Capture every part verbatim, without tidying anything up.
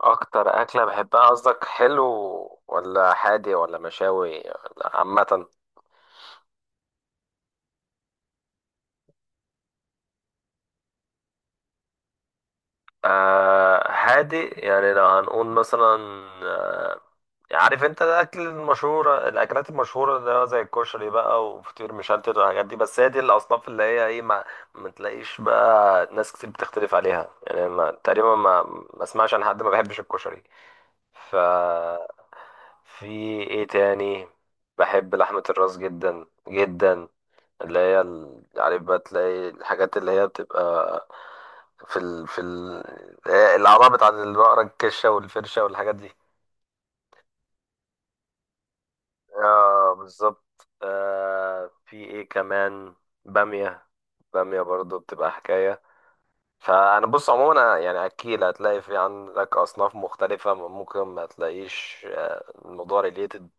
اكتر اكله بحبها قصدك حلو، ولا حادي ولا مشاوي ولا عامه؟ آه هادي يعني لو هنقول مثلا. آه يعني عارف انت الاكل المشهوره، الاكلات المشهوره ده زي الكشري بقى وفطير مشلتت والحاجات دي، بس هي دي الاصناف اللي هي ايه، ما, ما تلاقيش بقى ناس كتير بتختلف عليها. يعني ما تقريبا ما ما اسمعش عن حد ما بيحبش الكشري. ف في ايه تاني؟ بحب لحمه الراس جدا جدا، اللي هي ال- عارف بقى تلاقي الحاجات اللي هي بتبقى في ال... في ال... الأعضاء بتاعت البقرة، الكشة والفرشة والحاجات دي. اه بالظبط. آه في ايه كمان؟ بامية. بامية برضو بتبقى حكاية. فأنا بص، عموما أنا يعني أكيد هتلاقي في عندك أصناف مختلفة ممكن ما تلاقيش، آه، الموضوع ريليتد.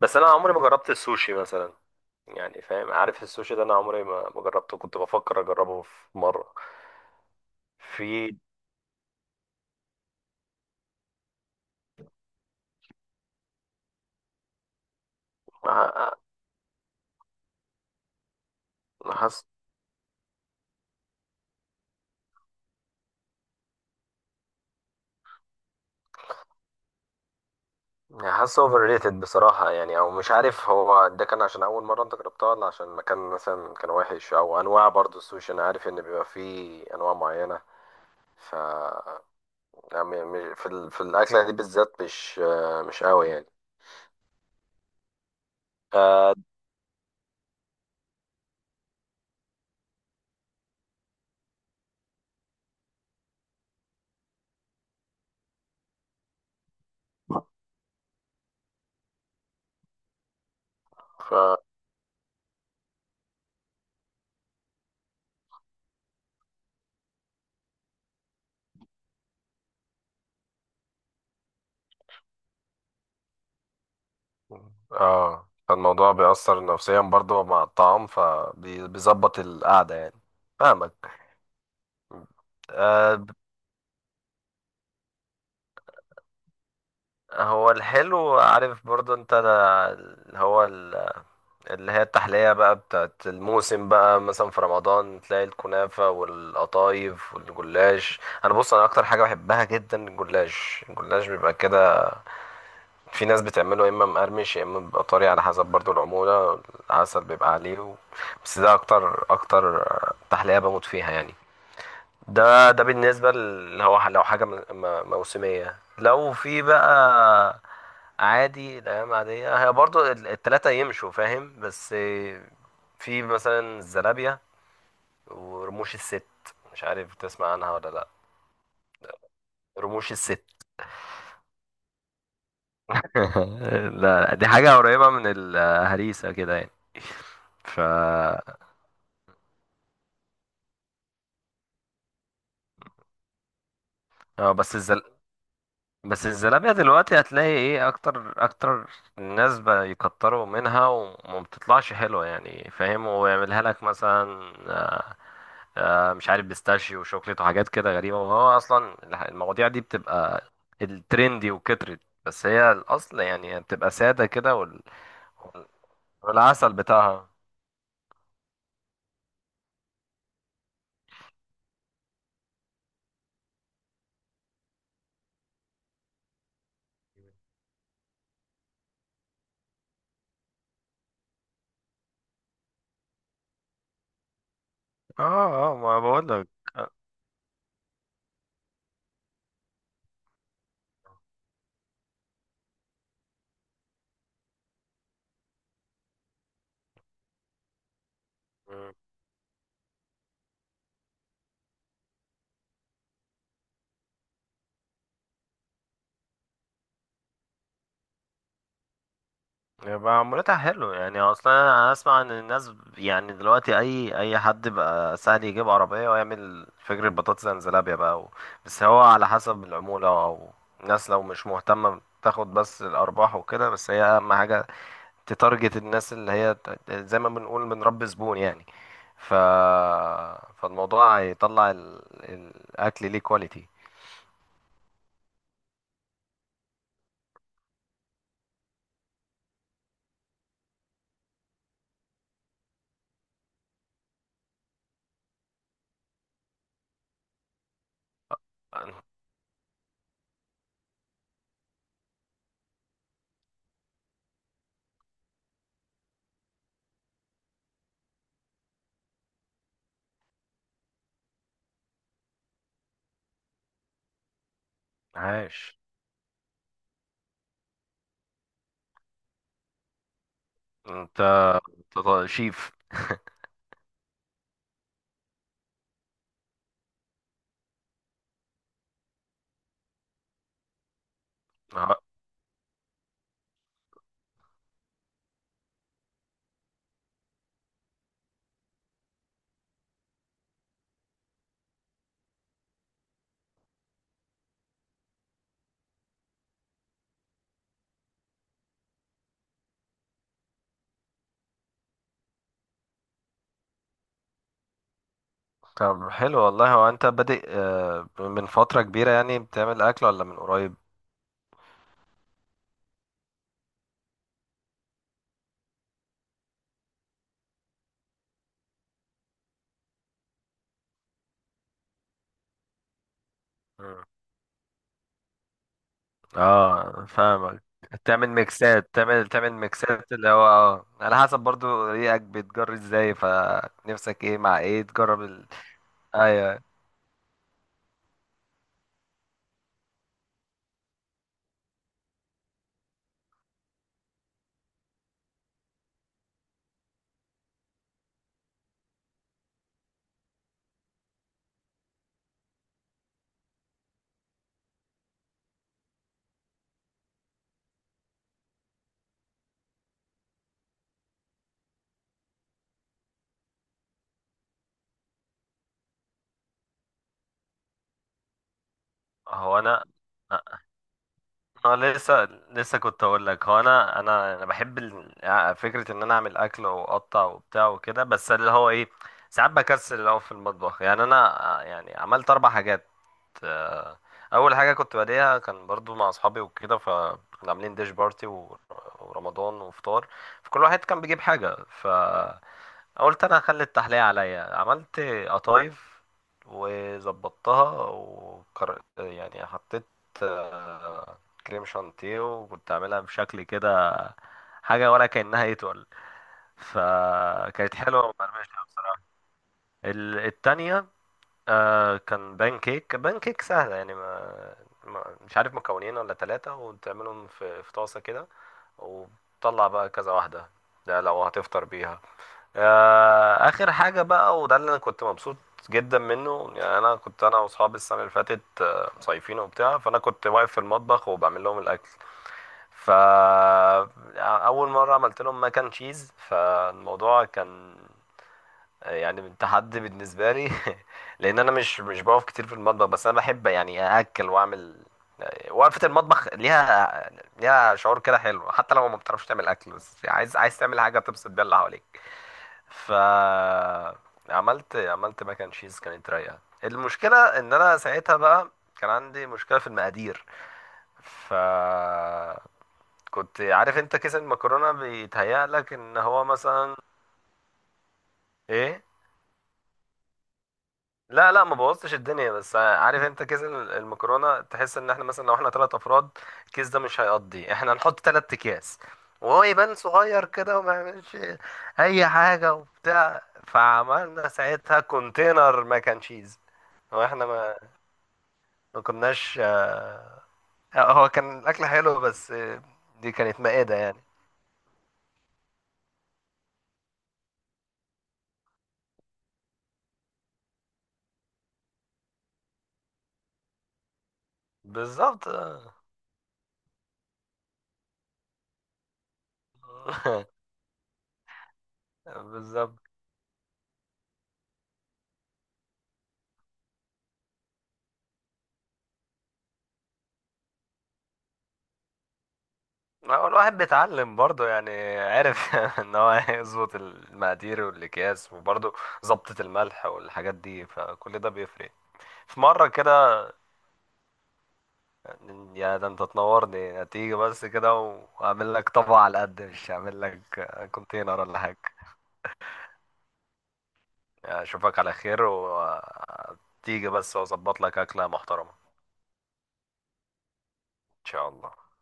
بس أنا عمري ما جربت السوشي مثلا. يعني فاهم، عارف السوشي ده أنا عمري ما ما جربته، كنت بفكر أجربه في مرة. في مع- حاسس. حاسس اوفر ريتد بصراحة. يعني او مش عارف هو ده كان عشان اول مرة انت جربتها، ولا عشان المكان مثلا كان وحش، او انواع برضو السوشي، انا عارف ان بيبقى فيه انواع معينة. ف يعني م- في ال... في الاكلة دي بالذات مش، آه، مش قوي يعني. آه. ف اه فالموضوع بيأثر نفسيا برضو مع الطعام، فبيظبط القعدة يعني. فاهمك. آه. هو الحلو، عارف برضو انت ده- هو اللي هي التحلية بقى بتاعت الموسم بقى، مثلا في رمضان تلاقي الكنافة والقطايف والجلاش. انا بص، انا اكتر حاجة بحبها جدا الجلاش. الجلاش بيبقى كده، في ناس بتعمله يا اما مقرمش يا اما بيبقى طري، على حسب برضو العمولة، العسل بيبقى عليه و... بس ده اكتر اكتر تحلية بموت فيها يعني. ده ده بالنسبة اللي هو لو حاجة م- م- موسمية، لو في بقى. عادي الأيام عادية هي برضو ال- التلاتة يمشوا، فاهم. بس في مثلا الزلابية ورموش الست. مش عارف تسمع عنها ولا لأ. رموش الست. لا لا، دي حاجة قريبة من الهريسة كده يعني. ف اه. بس الزل... بس الزلابية دلوقتي هتلاقي ايه، اكتر اكتر الناس بيكتروا منها وما بتطلعش حلوة يعني، فاهم. ويعملها لك مثلا، آه، آه، مش عارف بيستاشيو وشوكليت وحاجات كده غريبة. وهو اصلا الح- المواضيع دي بتبقى الترندي وكترت، بس هي الاصل يعني بتبقى سادة كده وال... والعسل بتاعها. اه اه، ما بقول لك، يبقى عمولتها حلو يعني. اصلا انا اسمع ان الناس، يعني دلوقتي اي اي حد بقى سهل يجيب عربيه ويعمل فجر البطاطس انزلابيا بقى و... بس هو على حسب العموله، او الناس لو مش مهتمه تاخد بس الارباح وكده، بس هي اهم حاجه تتارجت الناس اللي هي ت- زي ما بنقول بنربي زبون يعني. ف فالموضوع هيطلع ال... الاكل ليه كواليتي. عاش. انت. أنت شيف؟ طب حلو والله. هو انت بادئ، آه، من فترة كبيرة يعني بتعمل اكل، ولا من قريب؟ مم. اه، فاهمك. تعمل ميكسات، تعمل تعمل ميكسات اللي هو اه على حسب برضو ريقك بتجري ازاي، فنفسك ايه مع ايه، تجرب ال... ايوه. هو انا، انا لسه لسه كنت اقول لك، هو انا انا انا بحب ال- آه، فكره ان انا اعمل اكل واقطع وبتاع وكده، بس اللي هو ايه، ساعات بكسل اللي هو في المطبخ يعني. انا آه، يعني عملت اربع حاجات. آه. اول حاجه كنت باديها كان برضو مع اصحابي وكده، فكنا عاملين ديش بارتي و- ورمضان وفطار، فكل واحد كان بيجيب حاجه. ف قلت انا هخلي التحلية عليا. عملت قطايف وظبطتها وكر... يعني حطيت آه، كريم شانتيه، وكنت عاملها بشكل كده حاجة ولا كأنها يتقل، فكانت حلوة ومقرمشة بصراحة. ال- التانية آه كان بان كيك. بان كيك سهلة يعني، ما, ما مش عارف مكونين ولا ثلاثة وتعملهم في في طاسة كده، وتطلع بقى كذا واحدة. ده لو هتفطر بيها. آه. آخر حاجة بقى، وده اللي أنا كنت مبسوط جدا منه، يعني أنا كنت أنا وأصحابي السنة اللي فاتت آه، مصيفين وبتاع، فأنا كنت واقف في المطبخ وبعمل لهم الأكل. فا أول مرة عملت لهم ماكن تشيز، فالموضوع كان يعني تحدي بالنسبه لي. لان انا مش مش بقف كتير في المطبخ، بس انا بحب يعني ااكل واعمل. وقفه المطبخ ليها، ليها شعور كده حلو، حتى لو ما بتعرفش تعمل اكل، بس عايز عايز تعمل حاجه تبسط بيها اللي حواليك. ف عملت عملت ماك اند تشيز، كانت رايقه. المشكله ان انا ساعتها بقى كان عندي مشكله في المقادير. ف كنت عارف انت كيس المكرونه بيتهيأ لك ان هو مثلا ايه. لا لا، ما بوظتش الدنيا. بس عارف انت كيس ال- المكرونه تحس ان احنا مثلا لو احنا ثلاث افراد الكيس ده مش هيقضي، احنا نحط ثلاث اكياس وهو يبان صغير كده وما يعملش اي حاجه وبتاع. فعملنا ساعتها كونتينر ماك اند تشيز. هو احنا ما ما كناش اه، هو كان الاكل حلو بس اه، دي كانت مائده يعني. بالظبط اه. بالظبط. ما هو الواحد بيتعلم برضه يعني، عارف، ان هو يظبط المقادير والاكياس، وبرضه ظبطة الملح والحاجات دي، فكل ده بيفرق. في مرة كده يا ده انت تنورني، هتيجي بس كده واعمل لك طبق على قد، مش هعمل لك كونتينر ولا حاجة. اشوفك على خير، وتيجي بس واظبط لك اكلة محترمة. ان شاء الله.